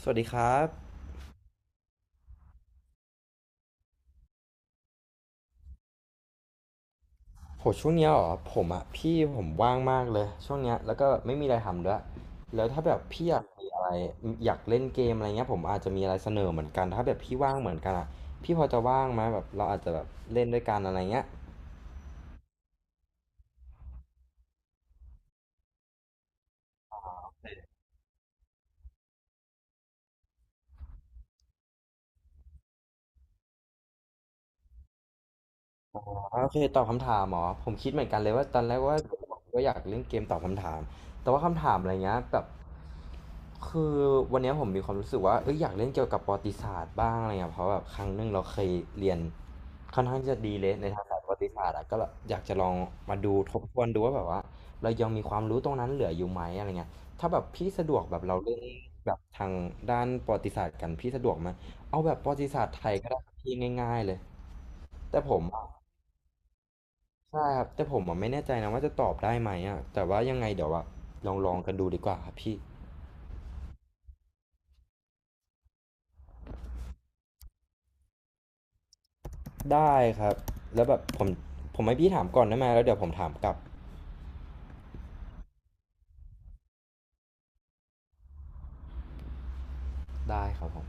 สวัสดีครับโหช่วงเนี้ยเหรอผมอ่ะพี่ผมว่างมากเลยช่วงเนี้ยแล้วก็ไม่มีอะไรทำด้วยแล้วถ้าแบบพี่อยากมีอะไรอยากเล่นเกมอะไรเงี้ยผมอาจจะมีอะไรเสนอเหมือนกันถ้าแบบพี่ว่างเหมือนกันอ่ะพี่พอจะว่างไหมแบบเราอาจจะแบบเล่นด้วยกันอะไรเงี้ย โอเคตอบคำถามเหรอผมคิดเหมือนกันเลยว่าตอนแรกว่าก็อยากเล่นเกมตอบคำถามแต่ว่าคำถามอะไรเงี้ยแบบคือวันเนี้ยผมมีความรู้สึกว่าเอยอยากเล่นเกี่ยวกับประวัติศาสตร์บ้างอะไรเงี้ยเพราะแบบครั้งหนึ่งเราเคยเรียนค่อนข้างที่จะดีเลยในทางสายประวัติศาสตร์อะก็แบบอยากจะลองมาดูทบทวนดูว่าแบบว่าเรายังมีความรู้ตรงนั้นเหลืออยู่ไหมอะไรเงี้ยถ้าแบบพี่สะดวกแบบเราเล่นแบบทางด้านประวัติศาสตร์กันพี่สะดวกไหมเอาแบบประวัติศาสตร์ไทยก็ได้ครับพี่ง่ายๆเลยแต่ผม ใช่ครับแต่ผมอะไม่แน่ใจนะว่าจะตอบได้ไหมอ่ะแต่ว่ายังไงเดี๋ยวอะลองกันดูดีกว่าครับพี่ได้ครับแล้วแบบผมให้พี่ถามก่อนได้ไหมแล้วเดี๋ยวผมถามกลับได้ครับผม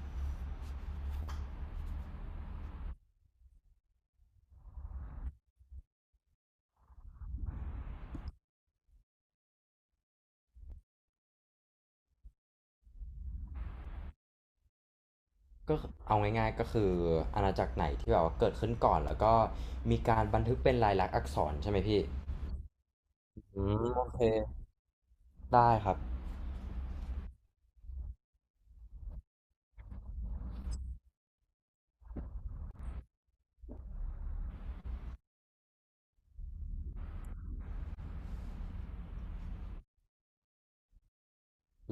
ก็เอาง่ายๆก็คืออาณาจักรไหนที่แบบว่าเกิดขึ้นก่อนแล้วก็มีการบันทึกเป็นลายลักษณ์อักษรใช่ไหมพี่อืมโอเคได้ครับ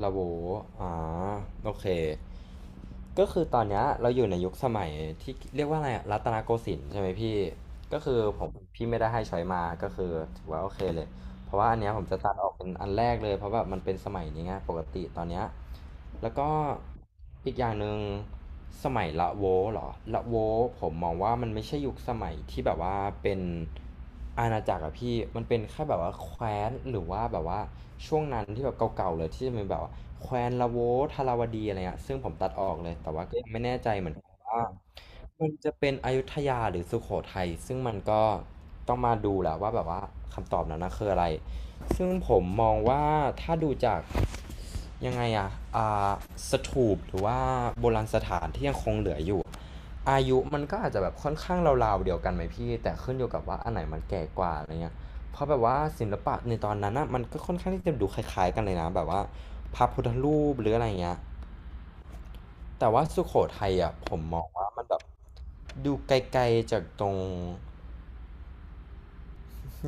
ลาโวอ๋อ โอเค ก็คือตอนเนี้ยเราอยู่ในยุคสมัยที่เรียกว่าอะไรอะรัตนโกสินทร์ใช่ไหมพี่ ก็คือผมพี่ไม่ได้ให้ช้อยมาก็คือถือว่าโอเคเลย เพราะว่าอันเนี้ยผมจะตัดออกเป็นอันแรกเลยเพราะแบบมันเป็นสมัยนี้ไงปกติตอนเนี้ยแล้วก็อีกอย่างหนึ่งสมัยละโวเหรอละโวผมมองว่ามันไม่ใช่ยุคสมัยที่แบบว่าเป็นอาณาจักรอะพี่มันเป็นแค่แบบว่าแคว้นหรือว่าแบบว่าช่วงนั้นที่แบบเก่าๆเลยที่จะเป็นแบบว่าแคว้นละโวทาราวดีอะไรเงี้ยซึ่งผมตัดออกเลยแต่ว่าก็ยังไม่แน่ใจเหมือนกันว่า มันจะเป็นอยุธยาหรือสุโขทัยซึ่งมันก็ต้องมาดูแหละว่าแบบว่าคำตอบนั้นนะคืออะไรซึ่งผมมองว่าถ้าดูจากยังไงอะอ่าสถูปหรือว่าโบราณสถานที่ยังคงเหลืออยู่อายุมันก็อาจจะแบบค่อนข้างราวๆเดียวกันไหมพี่แต่ขึ้นอยู่กับว่าอันไหนมันแก่กว่าอะไรเงี้ยเพราะแบบว่าศิลปะในตอนนั้นนะมันก็ค่อนข้างที่จะดูคล้ายๆกันเลยนะแบบว่าพระพุทธรูปหรืออะไรเงี้ยแต่ว่าสุโขทัยอ่ะผมมองว่ามันแบบ ดูไกลๆจากตรง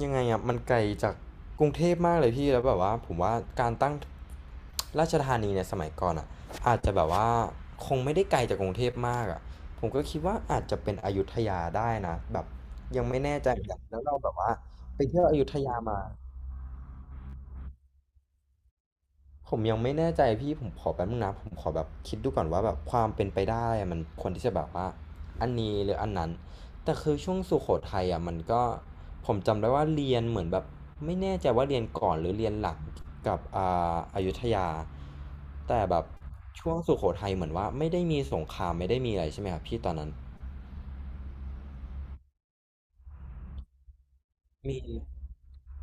ยังไงอะมันไกลจากกรุงเทพมากเลยพี่แล้วแบบว่าผมว่าการตั้งราชธานีเนี่ยสมัยก่อนอ่ะอาจจะแบบว่าคงไม่ได้ไกลจากกรุงเทพมากอะผมก็คิดว่าอาจจะเป็นอยุธยาได้นะแบบยังไม่แน่ใจเหมือนกันแล้วเราแบบว่าไปเที่ยวอยุธยามา ผมยังไม่แน่ใจพี่ผมขอแป๊บนึงนะผมขอแบบคิดดูก่อนว่าแบบความเป็นไปได้อะมันควรที่จะแบบว่าอันนี้หรืออันนั้นแต่คือช่วงสุโขทัยอ่ะมันก็ผมจำได้ว่าเรียนเหมือนแบบไม่แน่ใจว่าเรียนก่อนหรือเรียนหลังกับอยุธยาแต่แบบช่วงสุโขทัยเหมือนว่าไม่ได้มีสงครามไม่ได้มีอะไรใช่ไหมครับพี่ตอนนั้นมี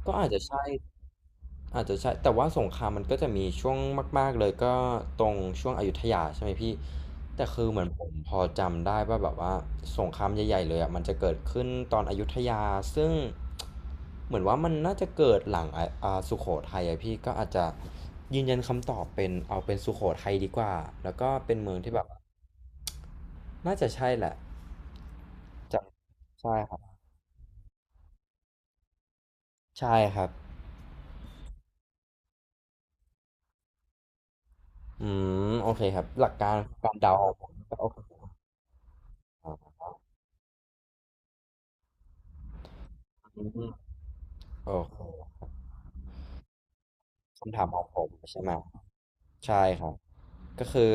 ก็อาจจะใช่ อาจจะใช่แต่ว่าสงครามมันก็จะมีช่วงมากๆเลยก็ตรงช่วงอยุธยาใช่ไหมพี่ แต่คือเหมือนผมพอจำได้ว่าแบบว่าสงครามใหญ่ๆเลยอะมันจะเกิดขึ้นตอนอยุธยาซึ่งเหมือนว่ามันน่าจะเกิดหลังอะสุโขทัยอะพี่ก็อาจจะยืนยันคำตอบเป็นเอาเป็นสุโขทัยดีกว่าแล้วก็เป็นเมืองที่แบบน่าจะใช่แหละจำใช่ครับใช่ครับอืมโอเคครับหลักการการเดาออก็โอเคอออืมโอ คำถามของผมใช่ไหมใช่ครับก็คือ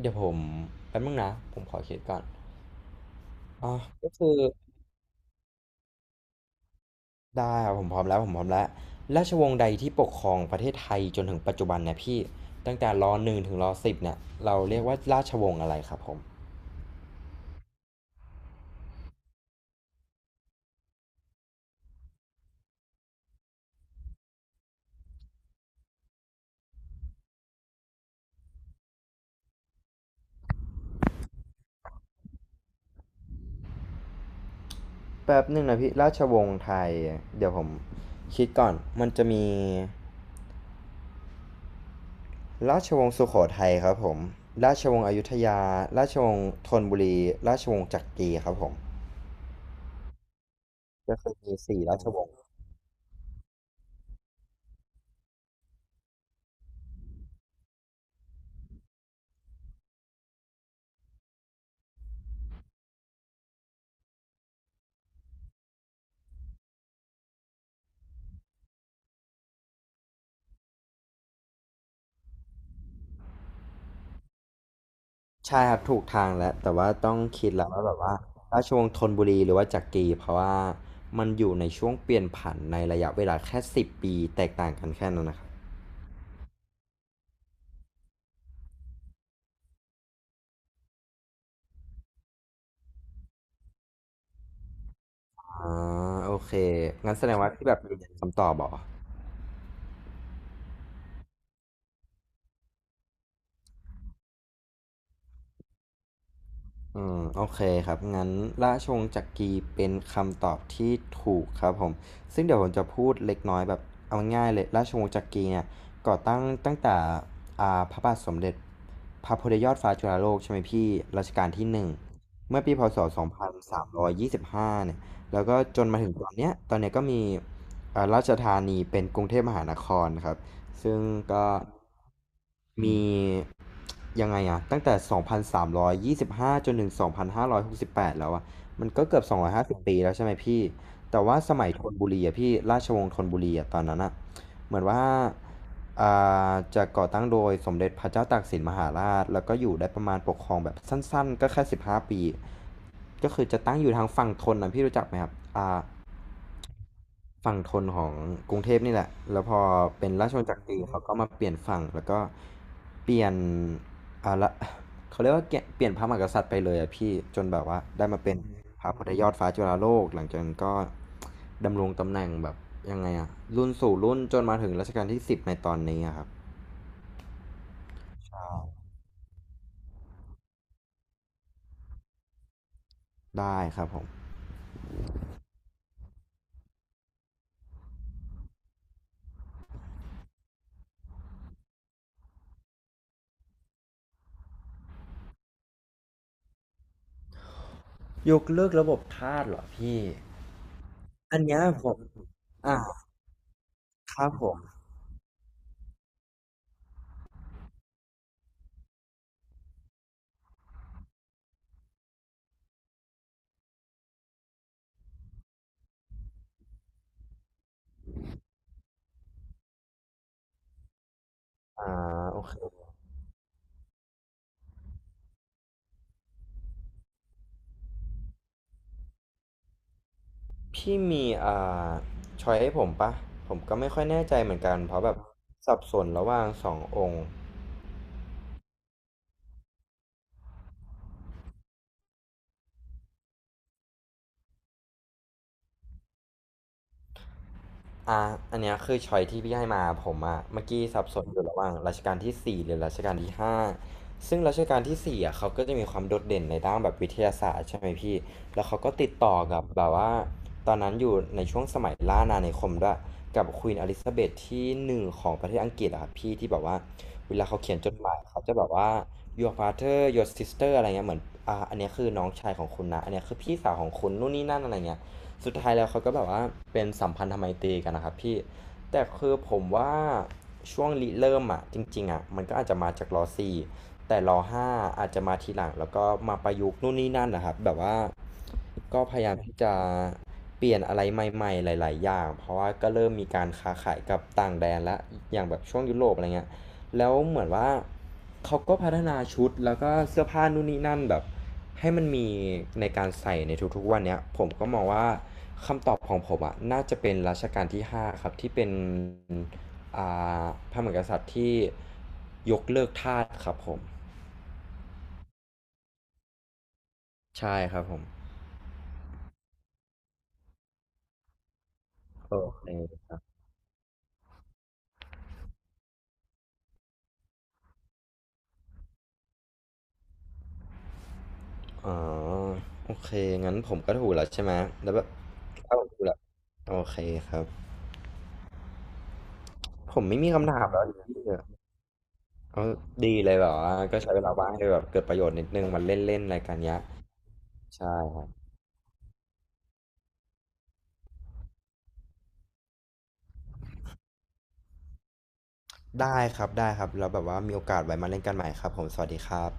เดี๋ยวผมแป๊บนึงนะผมขอคิดก่อนอ่ะก็คือได้ครับผมพร้อมแล้วผมพร้อมแล้วราชวงศ์ใดที่ปกครองประเทศไทยจนถึงปัจจุบันเนี่ยพี่ตั้งแต่รหนึ่งถึงรสิบเนี่ยเราเรียกว่าราชวงศ์อะไรครับผมแป๊บหนึ่งนะพี่ราชวงศ์ไทยเดี๋ยวผมคิดก่อนมันจะมีราชวงศ์สุโขทัยครับผมราชวงศ์อยุธยาราชวงศ์ธนบุรีราชวงศ์จักรีครับผมก็คือมีสี่ราชวงศ์ ใช่ครับถูกทางแล้วแต่ว่าต้องคิดแล้วว่าแบบว่าราชวงศ์ธนบุรีหรือว่าจักรีเพราะว่ามันอยู่ในช่วงเปลี่ยนผันในระยะเวลาแค่สิบปีแตกต่างกันแค่นั้นนะครับอ่าโอเคงั้นแสดงว่าที่แบบมีคำตอบเหรอ อืมโอเคครับงั้นราชวงศ์จักรีเป็นคำตอบที่ถูกครับผมซึ่งเดี๋ยวผมจะพูดเล็กน้อยแบบเอาง่ายๆเลยราชวงศ์จักรีเนี่ยก่อตั้งตั้งแต่พระบาทสมเด็จพระพุทธยอดฟ้าจุฬาโลกใช่ไหมพี่รัชกาลที่หนึ่งเมื่อปีพศ2325เนี่ยแล้วก็จนมาถึงตอนเนี้ยตอนเนี้ยก็มีราชธานีเป็นกรุงเทพมหานครครับ ซึ่งก็มียังไงอะตั้งแต่2,325จนถึง2,568แปดแล้วอะมันก็เกือบ250ปีแล้วใช่ไหมพี่แต่ว่าสมัยธนบุรีอะพี่ราชวงศ์ธนบุรีอะตอนนั้นอะเหมือนว่าอ่จะก่อตั้งโดยสมเด็จพระเจ้าตากสินมหาราชแล้วก็อยู่ได้ประมาณปกครองแบบสั้นๆก็แค่15ปีก็คือจะตั้งอยู่ทางฝั่งธนนะพี่รู้จักไหมครับอ่า ฝั่งทนของกรุงเทพนี่แหละ แล้วพอเป็นราชวงศ์จักรีเขาก็มาเปลี่ยนฝั่งแล้วก็เปลี่ยนอ่าละ เขาเรียกว่าเกเปลี่ยนพระมหากษัตริย์ไปเลยอะพี่จนแบบว่าได้มาเป็นพระพุทธยอดฟ้าจุฬาโลกหลังจากนั้นก็ดำรงตำแหน่งแบบยังไงอะรุ่นสู่รุ่นจนมาถึงรัชกาลที่สิบในตอนนี้อะครับได้ครับผมยกเลิกระบบทาสเหรอพี่อันเนี้ยผมอ่าครับผมอ่าโอเค พี่มีาช้อยให้ผมปะผมก็ไม่ค่อยแน่ใจเหมือนกันเพราะแบบสับสนระหว่างสององค์ อ่าอันเนี้ยคือช้อยที่พี่ให้มาผมอะเมื่อกี้สับสนอยู่ระหว่างรัชกาลที่สี่หรือรัชกาลที่ห้าซึ่งรัชกาลที่สี่อะเขาก็จะมีความโดดเด่นในด้านแบบวิทยาศาสตร์ใช่ไหมพี่ แล้วเขาก็ติดต่อกับแบบว่าตอนนั้นอยู่ในช่วงสมัยล่าอาณานิคมด้วย กับควีนอลิซาเบธที่หนึ่งของประเทศอังกฤษอะครับพี่ที่แบบว่าเวลาเขาเขียนจดหมายเขาจะแบบว่า your father your sister อะไรเงี้ยเหมือนอันเนี้ยคือน้องชายของคุณนะอันเนี้ยคือพี่สาวของคุณนู่นนี่นั่นอะไรเงี้ย สุดท้ายแล้วเขาก็แบบว่าเป็นสัมพันธไมตรีกันนะครับพี่แต่คือผมว่าช่วงริเริ่มอ่ะจริงๆอ่ะมันก็อาจจะมาจากรสี่แต่รห้าอาจจะมาทีหลังแล้วก็มาประยุกต์นู่นนี่นั่นนะครับแบบว่าก็พยายามที่จะเปลี่ยนอะไรใหม่ๆหลายๆอย่างเพราะว่าก็เริ่มมีการค้าขายกับต่างแดนและอย่างแบบช่วงยุโรปอะไรเงี้ยแล้วเหมือนว่าเขาก็พัฒนาชุดแล้วก็เสื้อผ้านู่นนี่นั่นแบบให้มันมีในการใส่ในทุกๆวันเนี้ยผมก็มองว่า ของผมอะน่าจะเป็นรัชกาลที่5ครับที่เป็นอ่พระมหากษัตริย์ที่ยกเลิกทาสครับผมใช่ครับผมโอเคอ๋อโอเคงั้นผมก็ถูกแล้วใช่ไหมแล้วแบบถ้าผมถูกแล้วโอเคครับผมไม่มีคำถามแล้วดิพี่เนเอาดีเลยแบบว่าก็ใช้เวลาว่างให้แบบเกิดประโยชน์นิดนึงมาเล่นๆอะไรกันเนี้ยใช่ครับได้ครับได้ครับแล้วแบบว่ามีโอกาสไว้มาเล่นกันใหม่ครับผมสวัสดีครับ